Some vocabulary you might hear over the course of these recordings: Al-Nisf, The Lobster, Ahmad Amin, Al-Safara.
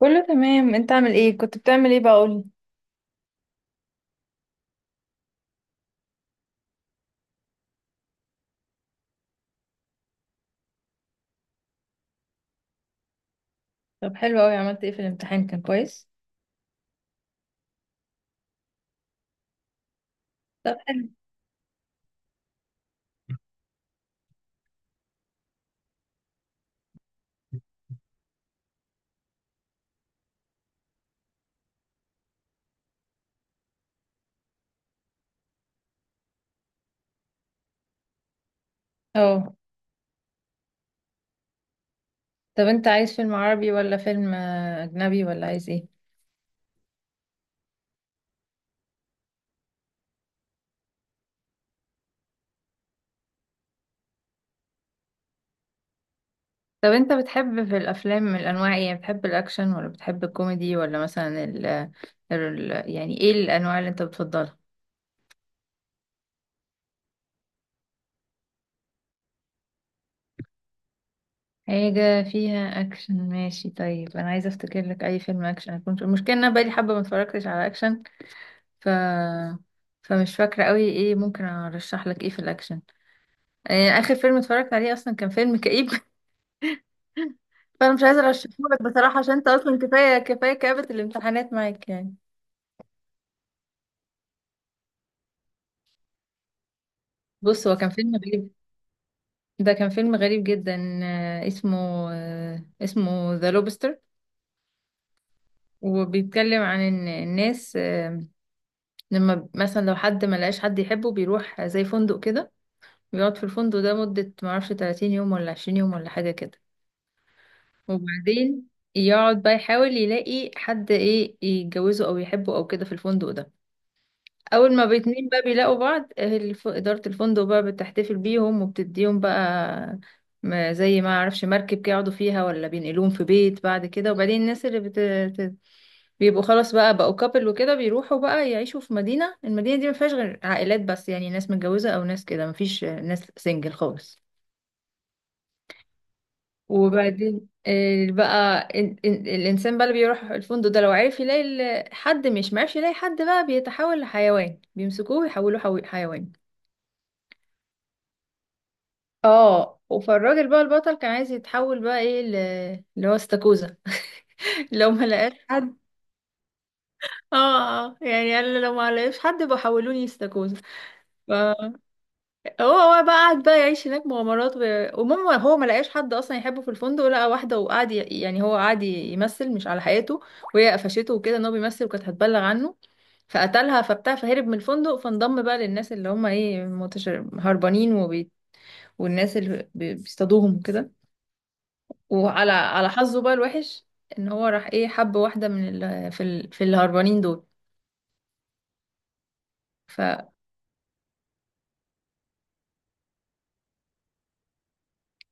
كله تمام، انت عامل ايه؟ كنت بتعمل ايه بقى؟ قولي. طب حلو قوي، عملت ايه في الامتحان؟ كان كويس؟ طب. اه. طب انت عايز فيلم عربي ولا فيلم اجنبي، ولا عايز ايه؟ طب انت بتحب في الافلام من الانواع ايه؟ يعني بتحب الاكشن ولا بتحب الكوميدي ولا مثلا يعني ايه الانواع اللي انت بتفضلها؟ حاجة فيها أكشن ماشي. طيب أنا عايزة أفتكر لك أي فيلم أكشن. أكون المشكلة إن أنا بقالي حبة ما اتفرجتش على أكشن ف... فمش فاكرة قوي إيه ممكن أرشح لك، إيه في الأكشن. يعني اخر فيلم اتفرجت عليه اصلا كان فيلم كئيب. فانا مش عايزه ارشحهولك بصراحه، عشان انت اصلا كفايه كآبة الامتحانات معاك يعني. بص، هو كان فيلم غريب. ده كان فيلم غريب جدا، اسمه ذا لوبستر. وبيتكلم عن ان الناس، لما مثلا لو حد ما لقاش حد يحبه بيروح زي فندق كده، بيقعد في الفندق ده مدة ما اعرفش 30 يوم ولا 20 يوم ولا حاجة كده. وبعدين يقعد بقى يحاول يلاقي حد ايه، يتجوزه او يحبه او كده في الفندق ده. اول ما باتنين بقى بيلاقوا بعض، أهل اداره الفندق بقى بتحتفل بيهم وبتديهم بقى زي ما اعرفش مركب كده يقعدوا فيها، ولا بينقلوهم في بيت بعد كده. وبعدين الناس اللي بيبقوا خلاص بقى، بقوا كابل وكده، بيروحوا بقى يعيشوا في المدينه دي ما فيهاش غير عائلات بس، يعني ناس متجوزه او ناس كده، ما فيش ناس سنجل خالص. وبعدين الانسان بقى اللي بيروح الفندق ده لو عرف يلاقي حد، مش معرفش يلاقي حد، بقى بيتحول لحيوان. بيمسكوه ويحولوه حيوان. اه. فالراجل بقى البطل كان عايز يتحول بقى ايه اللي هو استاكوزا. لو ما لقاش حد. اه. يعني قال لو ما لقاش حد بحولوني استاكوزا. ف- هو بقى قعد بقى يعيش هناك مغامرات ومهم هو ما لقاش حد اصلا يحبه في الفندق. لقى واحده وقعد يعني هو قعد يمثل مش على حقيقته. وهي قفشته وكده ان هو بيمثل، وكانت هتبلغ عنه فقتلها فبتاع، فهرب من الفندق، فانضم بقى للناس اللي هم ايه هربانين. والناس اللي بيصطادوهم وكده. وعلى حظه بقى الوحش ان هو راح ايه حب واحده من في الهربانين دول. فما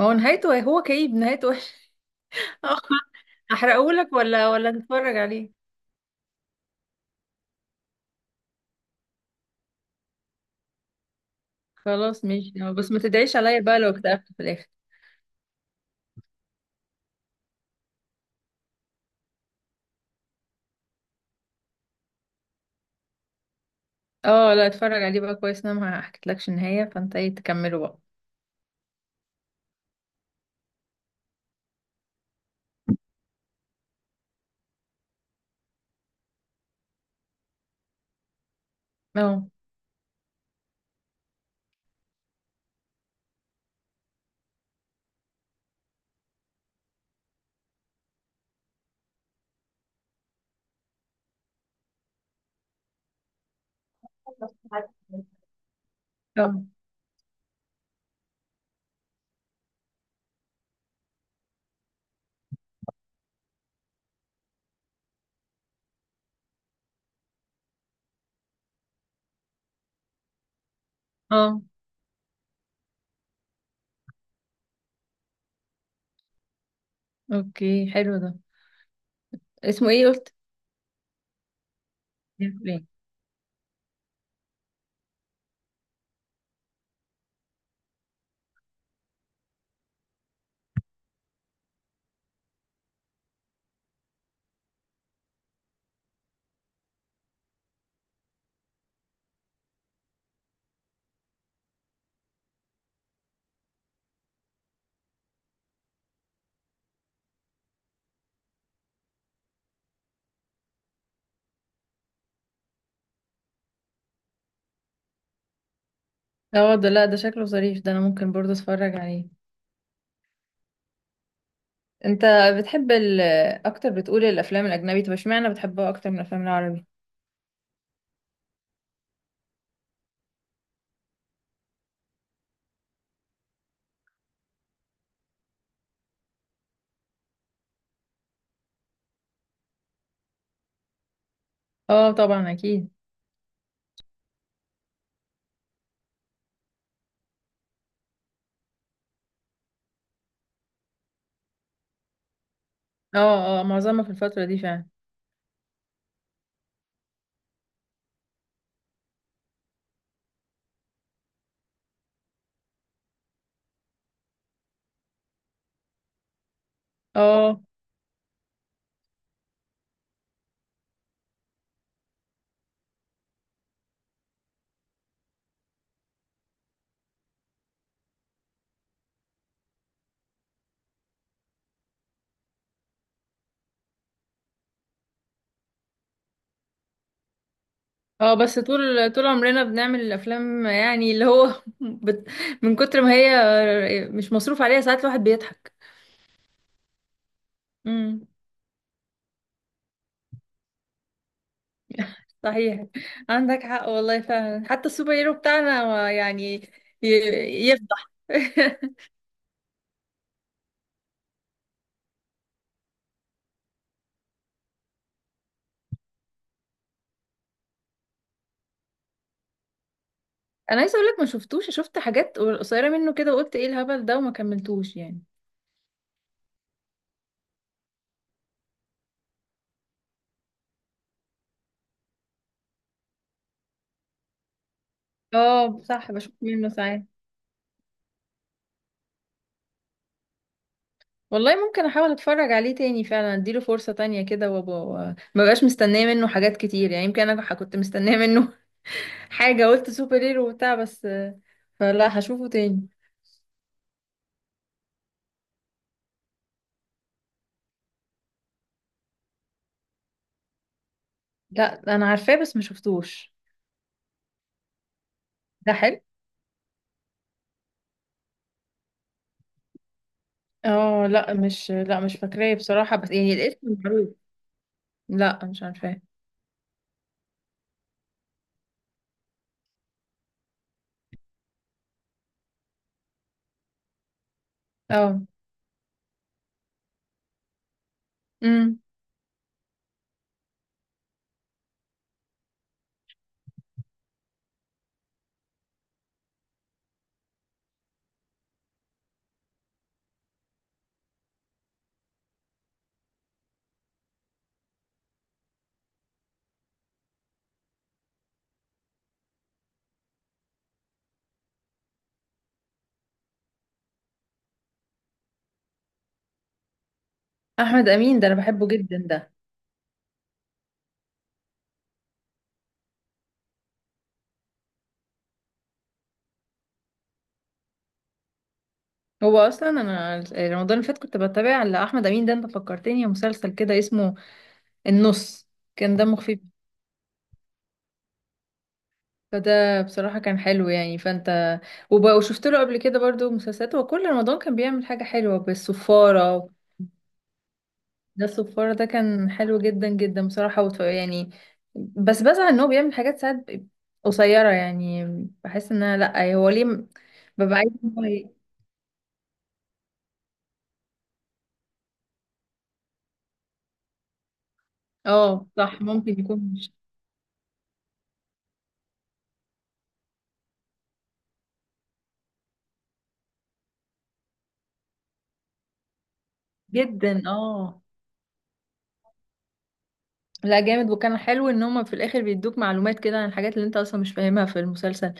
هو نهايته إيه؟ هو كئيب، نهايته وحش. احرقهولك ولا تتفرج عليه؟ خلاص ماشي، بس ما تدعيش عليا بقى لو اكتئبت في الاخر. اه، لا اتفرج عليه بقى كويس، انا ما حكيتلكش النهايه، فانت ايه تكمله بقى. اه. اه. اه. اوكي، حلو ده. اسمه ايه قلت؟ اسمه ايه؟ اه، ده لا ده شكله ظريف ده، انا ممكن برضه اتفرج عليه. انت بتحب اكتر، بتقول الافلام الاجنبي، طب اشمعنى بتحبها اكتر من الافلام العربي؟ اه طبعا اكيد. اه اه، معظمها في الفترة دي فعلا. اه اه، بس طول عمرنا بنعمل الافلام، يعني اللي هو بت... من كتر ما هي مش مصروف عليها ساعات الواحد بيضحك. امم. صحيح، عندك حق والله فعلا، حتى السوبر هيرو بتاعنا هو يعني ي... يفضح. انا عايزه اقول لك ما شفتوش، شفت حاجات قصيره منه كده وقلت ايه الهبل ده، وما كملتوش يعني. اه صح، بشوف منه ساعات. والله ممكن احاول اتفرج عليه تاني فعلا، اديله فرصة تانية كده، وابقى مبقاش مستنية منه حاجات كتير. يعني يمكن انا كنت مستنية منه حاجة، قلت سوبر هيرو وبتاع بس. فلا، هشوفه تاني. لا انا عارفاه بس ما شفتوش. ده حلو. اه لا مش فاكراه بصراحة، بس يعني الاسم معروف. لا مش عارفاه. اه. امم. احمد امين ده انا بحبه جدا ده. هو اصلا انا رمضان اللي فات كنت بتابع لاحمد امين ده، انت فكرتني مسلسل كده اسمه النص. كان دمه خفيف. فده بصراحة كان حلو يعني. فانت وشفت له قبل كده برضو مسلسلات. هو كل رمضان كان بيعمل حاجة حلوة. بالصفارة، ده الصفارة ده كان حلو جدا جدا بصراحة. يعني بس بزعل ان هو بيعمل حاجات ساعات قصيرة يعني. بحس ان انا، لا هو ليه ببقى عايز إن هو اه صح، ممكن يكون مش جدا. اه لا جامد. وكان حلو ان هما في الاخر بيدوك معلومات كده عن الحاجات اللي انت اصلا مش فاهمها في المسلسل،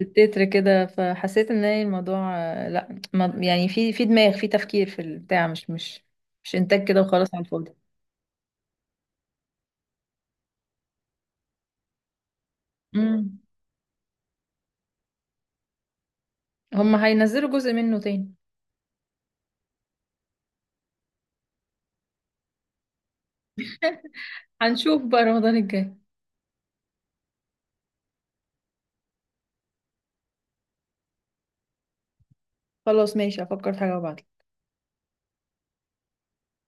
التتر كده. فحسيت ان هي الموضوع آه، لا ما- يعني في دماغ، في تفكير، في البتاع، مش انتاج كده وخلاص على الفاضي. امم. هم هينزلوا جزء منه تاني؟ هنشوف بقى رمضان الجاي. خلاص ماشي، افكر في حاجة وابعتلك.